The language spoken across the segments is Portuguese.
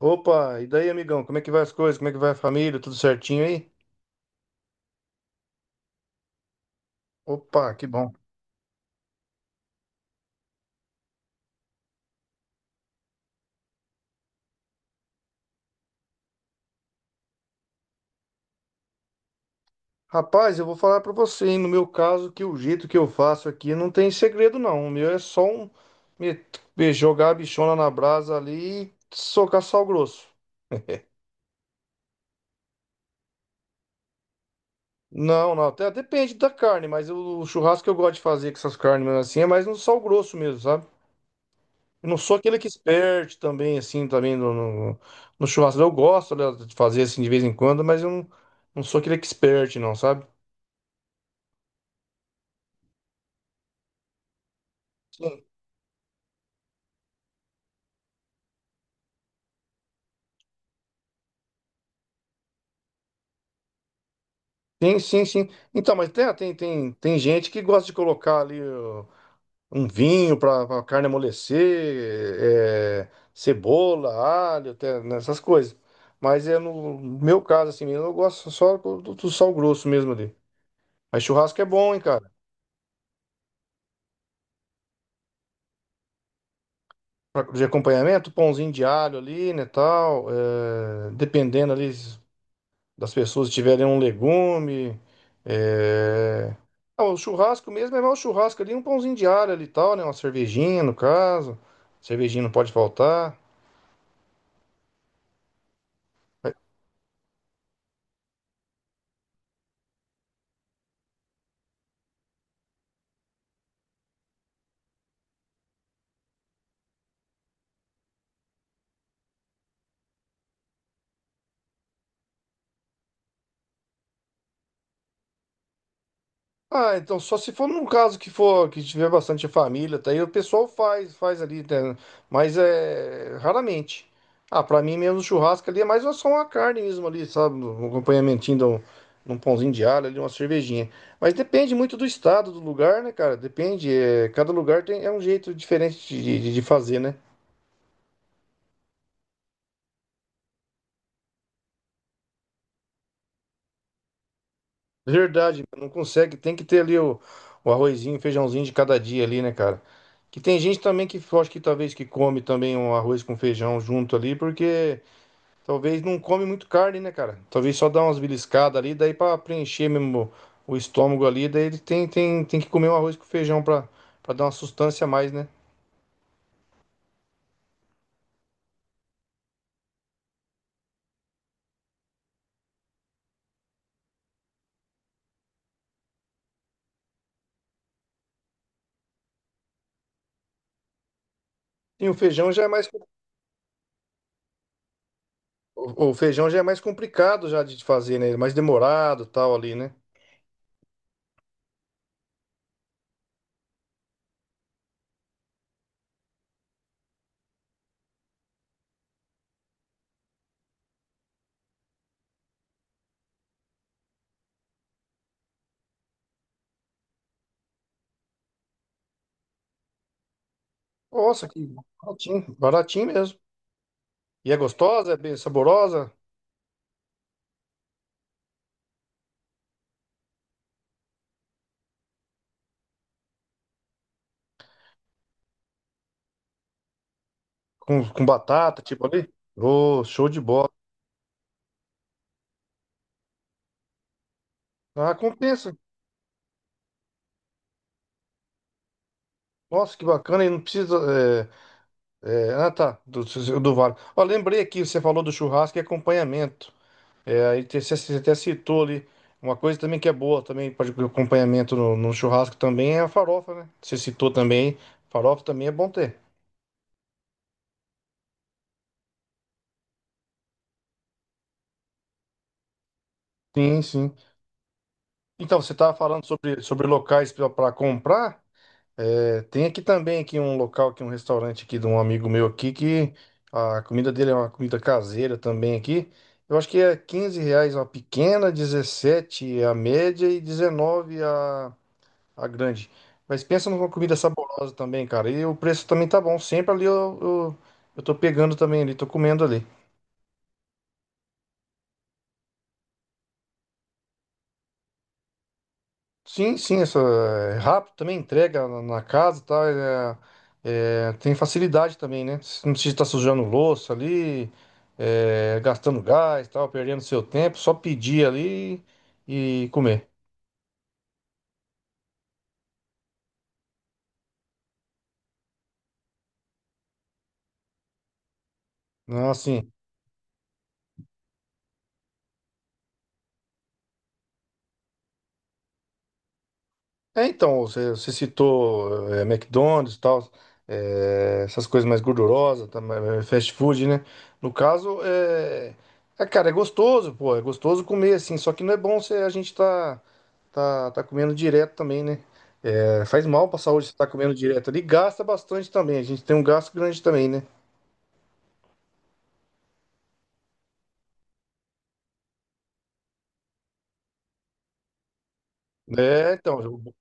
Opa, e daí, amigão? Como é que vai as coisas? Como é que vai a família? Tudo certinho aí? Opa, que bom. Rapaz, eu vou falar pra você, hein? No meu caso, que o jeito que eu faço aqui não tem segredo, não. O meu é só um me- me jogar a bichona na brasa ali e socar sal grosso. Não, não, até depende da carne, mas o churrasco que eu gosto de fazer com essas carnes mesmo assim é mais no sal grosso mesmo, sabe? Eu não sou aquele que experte também, assim, também no churrasco. Eu gosto, aliás, de fazer assim de vez em quando, mas eu não, não sou aquele expert, não, sabe? Sim, sim, sim. Então, mas tem gente que gosta de colocar ali ó, um vinho para a carne amolecer, cebola, alho, até nessas coisas. Mas é no meu caso, assim mesmo, eu gosto só do sal grosso mesmo ali. Mas churrasco é bom, hein, cara? De acompanhamento, pãozinho de alho ali, né, tal. É dependendo ali. Das pessoas tiverem um legume. é, Ah, o churrasco mesmo é mais o churrasco ali, um pãozinho de alho ali e tal, né? Uma cervejinha, no caso. Cervejinha não pode faltar. Ah, então só se for num caso que for que tiver bastante família, tá aí o pessoal faz ali, né? Mas é raramente. Ah, pra mim mesmo churrasco ali é mais só uma carne mesmo ali, sabe? Um acompanhamentinho de um pãozinho de alho ali, uma cervejinha. Mas depende muito do estado, do lugar, né, cara? Depende. Cada lugar tem, é um jeito diferente de fazer, né? Verdade, não consegue. Tem que ter ali o arrozinho, o feijãozinho de cada dia ali, né, cara? Que tem gente também que eu acho que talvez que come também um arroz com feijão junto ali, porque talvez não come muito carne, né, cara? Talvez só dá umas beliscadas ali, daí pra preencher mesmo o estômago ali, daí ele tem, tem que comer um arroz com feijão pra para dar uma sustância a mais, né? E o feijão já é mais o feijão já é mais complicado já de fazer, né? Mais demorado, tal ali, né? Nossa, que baratinho, baratinho mesmo. E é gostosa? É bem saborosa? Com batata, tipo ali? Ô, show de bola. Ah, compensa. Nossa, que bacana. E não precisa. É, é, ah, tá. Do Vale. Ó, lembrei aqui, você falou do churrasco e acompanhamento. É, você, você até citou ali. Uma coisa também que é boa também para acompanhamento no churrasco também é a farofa, né? Você citou também. Farofa também é bom ter. Sim, sim. Então, você estava falando sobre locais para comprar. É, tem aqui também aqui um local aqui um restaurante aqui de um amigo meu aqui que a comida dele é uma comida caseira também aqui. Eu acho que é R$ 15 a pequena, 17 a média e 19 a grande. Mas pensa numa comida saborosa também, cara. E o preço também tá bom. Sempre ali eu, eu tô pegando também ali, tô comendo ali. Sim, sim, essa é rápido também, entrega na casa, é, tem facilidade também, né? Você não precisa estar sujando louça ali, é, gastando gás, tal, perdendo seu tempo, só pedir ali e comer. Não, assim. É, então, você citou é, McDonald's e tal, é, essas coisas mais gordurosas, mais fast food, né? No caso, é, é, cara, é gostoso, pô, é gostoso comer assim, só que não é bom se a gente tá comendo direto também, né? É, faz mal pra saúde se tá comendo direto ali, gasta bastante também, a gente tem um gasto grande também, né? É, então,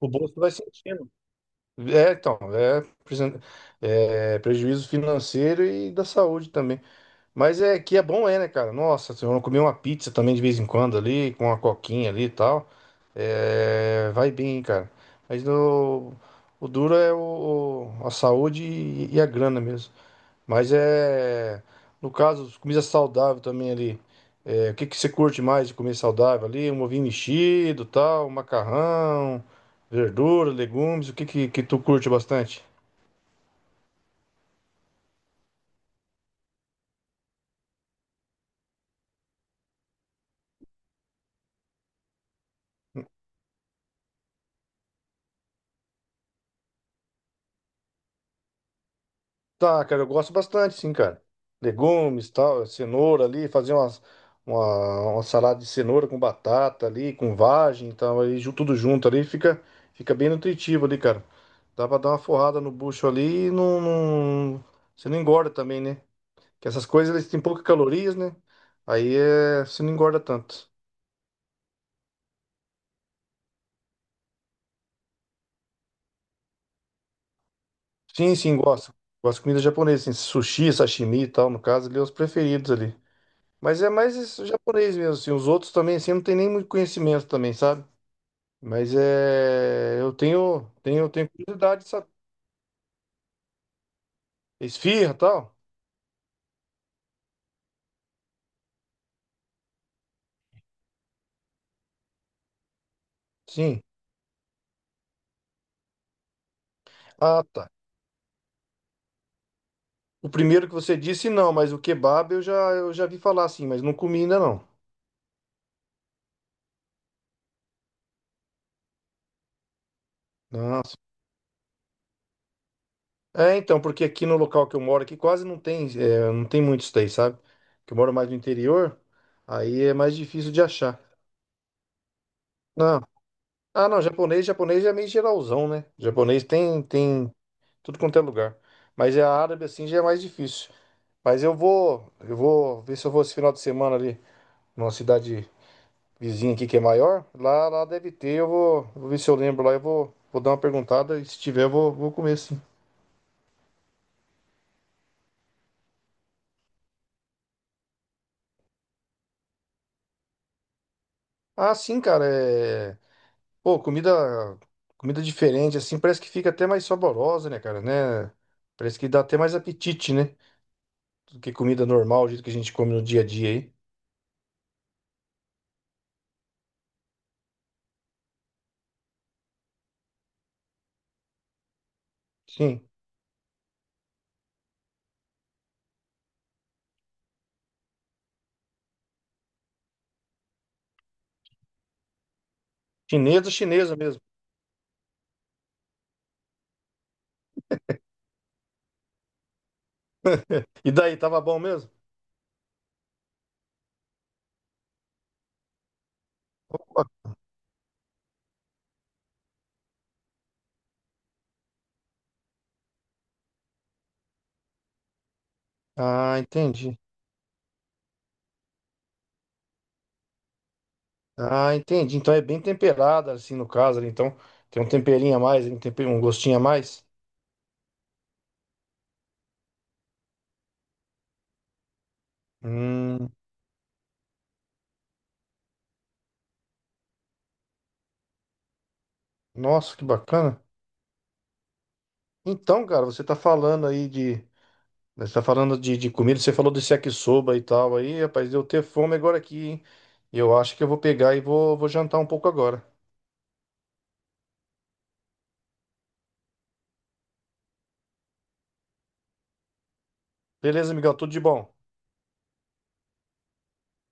o bolso vai sentindo. É, então, é prejuízo financeiro e da saúde também. Mas é que é bom, é, né, cara? Nossa, se eu comer uma pizza também de vez em quando ali, com uma coquinha ali e tal, é, vai bem, hein, cara. Mas no, o duro é a saúde e a grana mesmo. Mas é, no caso, comida saudável também ali. É, o que que você curte mais de comer saudável ali? Um ovinho mexido, tal, um macarrão, verdura, legumes, o que que tu curte bastante? Tá, cara, eu gosto bastante, sim, cara. Legumes, tal, cenoura ali, fazer uma salada de cenoura com batata ali, com vagem, então tudo junto ali, fica bem nutritivo ali, cara. Dá pra dar uma forrada no bucho ali e você não engorda também, né? Que essas coisas, eles têm poucas calorias, né? Aí é, você não engorda tanto. Sim, sim, gosto. Gosto de comida japonesa, assim, sushi, sashimi e tal, no caso, ali, é os preferidos ali. Mas é mais isso, japonês mesmo, assim. Os outros também, assim, eu não tenho nem muito conhecimento também, sabe? Mas é. Eu tenho, tenho curiosidade, sabe? Esfirra tal? Sim. Ah, tá. O primeiro que você disse, não, mas o kebab eu já vi falar assim, mas não comi ainda não. Nossa. É, então, porque aqui no local que eu moro, aqui quase não tem, é, não tem muito isso daí, sabe? Que eu moro mais no interior, aí é mais difícil de achar. Não. Ah, não, japonês é meio geralzão, né? Japonês tem. Tudo quanto é lugar. Mas é a árabe assim já é mais difícil. Mas eu vou ver se eu vou esse final de semana ali numa cidade vizinha aqui que é maior. Lá deve ter, vou ver se eu lembro lá, vou dar uma perguntada e se tiver vou comer sim. Ah, sim, cara, é, pô, comida diferente assim, parece que fica até mais saborosa, né, cara, né? Parece que dá até mais apetite, né? Do que comida normal, o jeito que a gente come no dia a dia aí. Sim. Chinesa mesmo. E daí, tava bom mesmo? Ah, entendi. Ah, entendi. Então é bem temperada, assim, no caso, ali. Então tem um temperinho a mais, um gostinho a mais. Hum, nossa, que bacana. Então, cara, você tá falando aí de. Você tá falando de comida, você falou desse yakisoba e tal. Aí, rapaz, deu ter fome agora aqui, hein? Eu acho que eu vou pegar e vou jantar um pouco agora. Beleza, Miguel, tudo de bom.